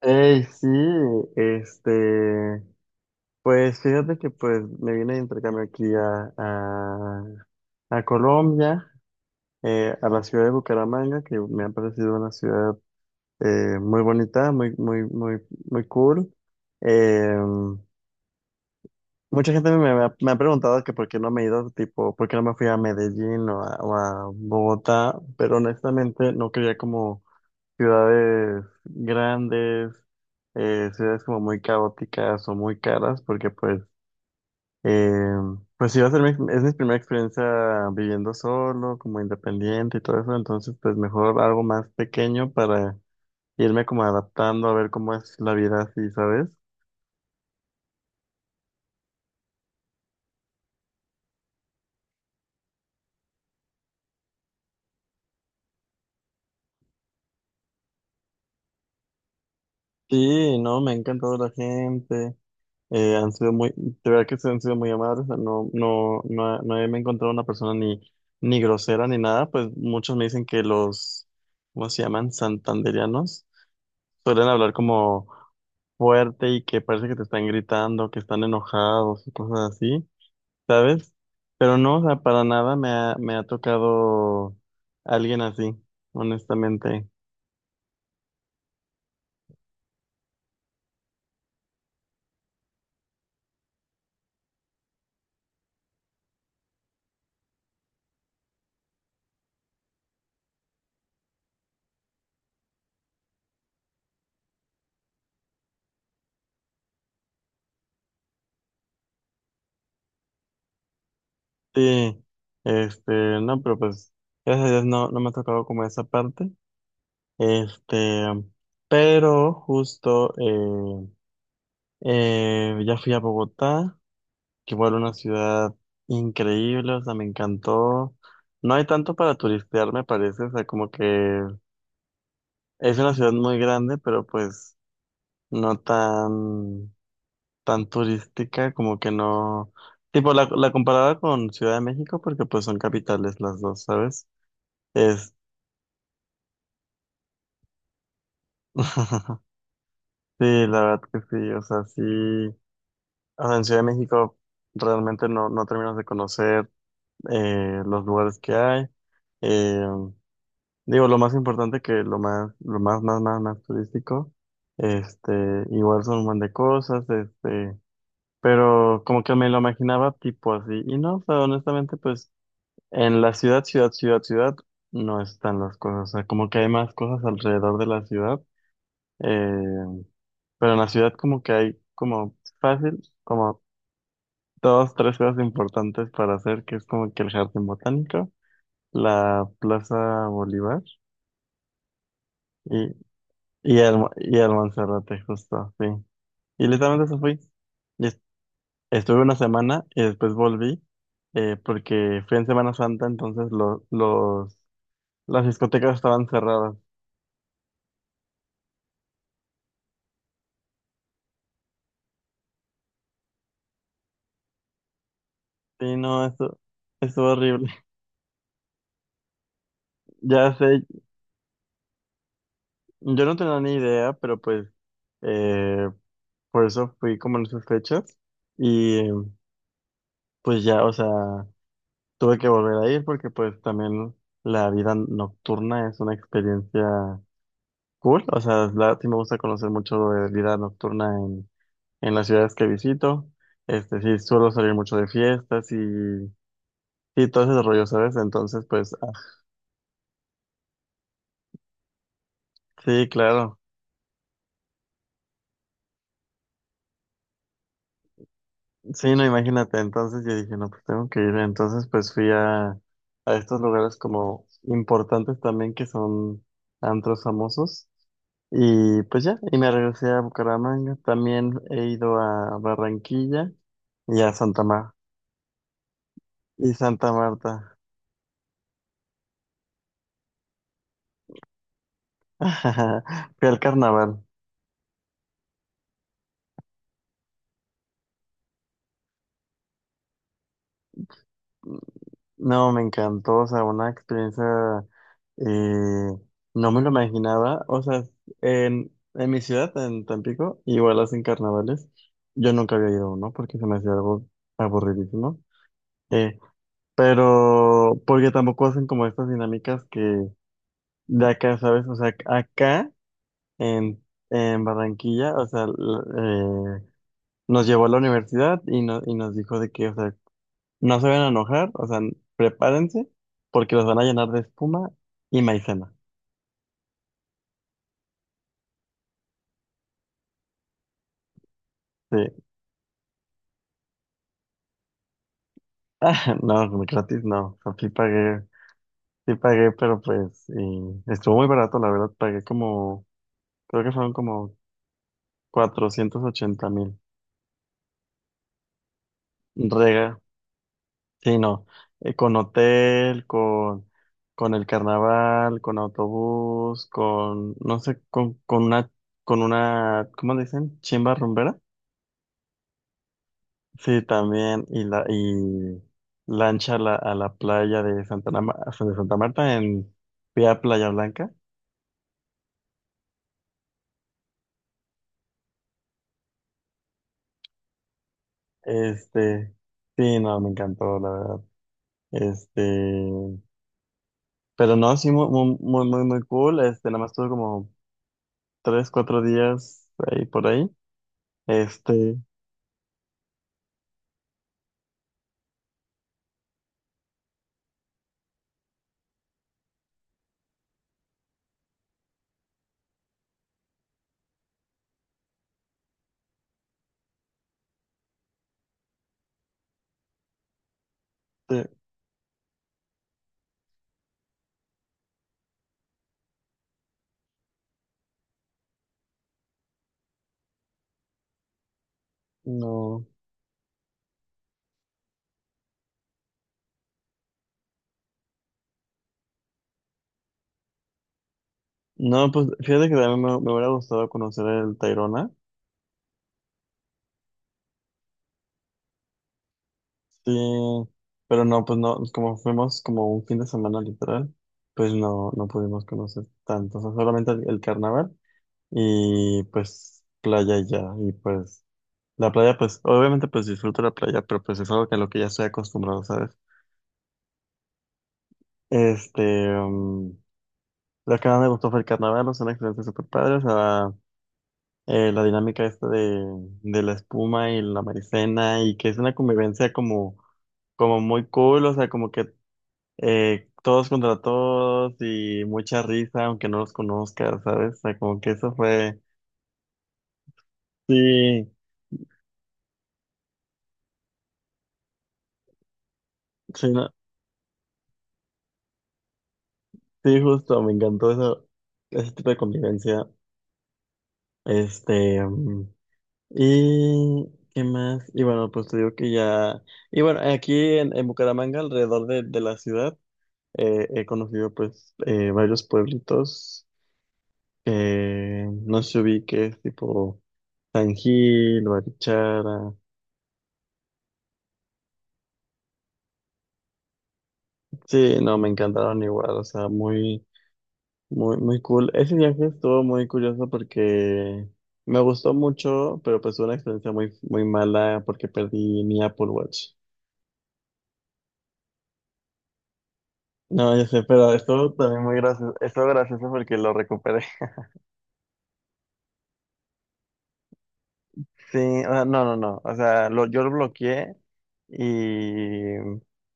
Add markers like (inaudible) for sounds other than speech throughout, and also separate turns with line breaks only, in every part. Ey, sí, este, pues fíjate que pues me vine de intercambio aquí a Colombia, a la ciudad de Bucaramanga, que me ha parecido una ciudad muy bonita, muy cool. Eh, mucha gente me ha preguntado que por qué no me he ido, tipo, por qué no me fui a Medellín o a Bogotá, pero honestamente no quería como ciudades grandes, ciudades como muy caóticas o muy caras, porque pues, eh, pues sí va a ser es mi primera experiencia viviendo solo, como independiente y todo eso, entonces pues mejor algo más pequeño para irme como adaptando a ver cómo es la vida así, ¿sabes? Sí, no, me ha encantado la gente. Han sido muy, de verdad que se han sido muy amables, o sea, no, no he me he encontrado una persona ni grosera ni nada, pues muchos me dicen que ¿cómo se llaman? Santandereanos, suelen hablar como fuerte y que parece que te están gritando, que están enojados y cosas así, ¿sabes? Pero no, o sea, para nada me ha tocado alguien así, honestamente. Sí, este, no, pero pues, gracias a Dios no, no me ha tocado como esa parte. Este, pero justo ya fui a Bogotá, que igual una ciudad increíble, o sea, me encantó. No hay tanto para turistear, me parece, o sea, como que es una ciudad muy grande, pero pues no tan turística, como que no. Tipo, la comparaba con Ciudad de México, porque pues son capitales las dos, ¿sabes? Es. (laughs) Sí, la verdad que sí, o sea, sí. Ahora, en Ciudad de México realmente no, no terminas de conocer los lugares que hay. Eh, digo, lo más importante que lo más, más, más, más turístico, este, igual son un montón de cosas, pero como que me lo imaginaba tipo así. Y no, o sea, honestamente, pues en la ciudad, no están las cosas. O sea, como que hay más cosas alrededor de la ciudad. eh, pero en la ciudad como que hay como fácil, como dos, tres cosas importantes para hacer, que es como que el jardín botánico, la Plaza Bolívar y, y el Monserrate, justo, sí. Y literalmente eso fui. Y es- Estuve una semana y después volví, porque fui en Semana Santa, entonces las discotecas estaban cerradas. Sí, no, eso horrible. (laughs) Ya sé, yo no tenía ni idea, pero pues eh, por eso fui como en esas fechas. Y pues ya, o sea. Tuve que volver a ir porque pues también la vida nocturna es una experiencia cool. O sea, la- sí me gusta conocer mucho de vida nocturna en las ciudades que visito. Este, sí, suelo salir mucho de fiestas y todo ese rollo, ¿sabes? Entonces, pues, ah, sí, claro. Sí, no, imagínate. Entonces yo dije, no, pues tengo que ir. Entonces, pues fui a estos lugares como importantes también que son antros famosos. Y pues ya, y me regresé a Bucaramanga. También he ido a Barranquilla y a Santa Marta. Y Santa Marta. (laughs) Fui al carnaval. No, me encantó, o sea, una experiencia, eh, no me lo imaginaba. O sea, en mi ciudad, en Tampico, igual hacen carnavales. Yo nunca había ido a uno porque se me hacía algo aburridísimo. Eh, pero porque tampoco hacen como estas dinámicas que de acá, ¿sabes? O sea, acá en, en Barranquilla, o sea, nos llevó a la universidad y, y nos dijo de que, o sea, no se van a enojar, o sea, prepárense porque los van a llenar de espuma y maicena. Sí, (laughs) no, gratis no, o sea, sí pagué, pero pues y estuvo muy barato, la verdad, creo que fueron como 480.000. Rega, sí, no, con hotel, con el carnaval, con autobús, con, no sé, con una, ¿cómo le dicen? Chimba rumbera. Sí, también, y lancha a a la playa de de Santa Marta en vía Playa Blanca. Este, sí, no, me encantó, la verdad. Este, pero no, sí, muy cool. Este, nada más tuve como tres, cuatro días ahí por ahí. Este, sí, no. No, pues fíjate que también me hubiera gustado conocer el Tayrona. Sí, pero no, pues no, como fuimos como un fin de semana literal, pues no, no pudimos conocer tanto. O sea, solamente el carnaval y pues playa y ya. Y pues la playa, pues obviamente pues disfruto la playa, pero pues es algo que a lo que ya estoy acostumbrado, ¿sabes? Este, lo que más me gustó fue el carnaval, son experiencias súper padres. La dinámica esta de la espuma y la maicena y que es una convivencia como, como muy cool, o sea, como que todos contra todos y mucha risa, aunque no los conozcas, ¿sabes? O sea, como que eso fue, sí, sí, no- sí, justo, me encantó eso, ese tipo de convivencia. Este, y qué más, y bueno, pues te digo que ya, y bueno, aquí en Bucaramanga, alrededor de la ciudad, he conocido pues varios pueblitos, no sé si que es tipo San Gil, Barichara. Sí, no, me encantaron igual, o sea, muy cool. Ese viaje estuvo muy curioso porque me gustó mucho, pero pues fue una experiencia muy, muy mala porque perdí mi Apple Watch. No, yo sé, pero estuvo también muy gracioso, estuvo gracioso porque lo recuperé. Sí, o sea, no. O sea, yo lo bloqueé y,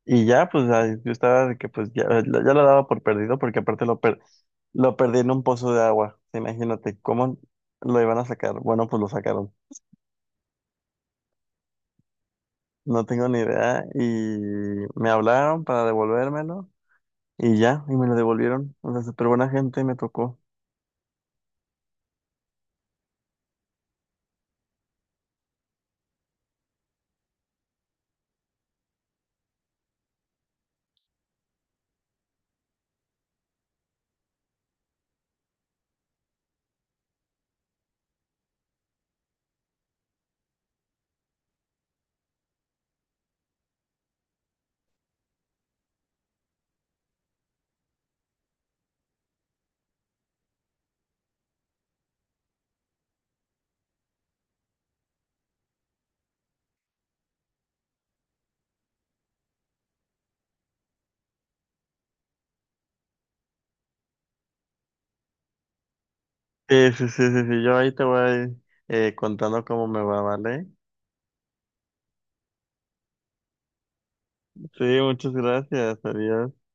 y ya, pues ay, yo estaba de que pues ya lo daba por perdido porque aparte lo perdí en un pozo de agua. Imagínate cómo lo iban a sacar. Bueno, pues lo sacaron. No tengo ni idea y me hablaron para devolvérmelo y ya, y me lo devolvieron. O sea, súper buena gente me tocó. Sí. Yo ahí te voy contando cómo me va, ¿vale? Sí, muchas gracias. Adiós.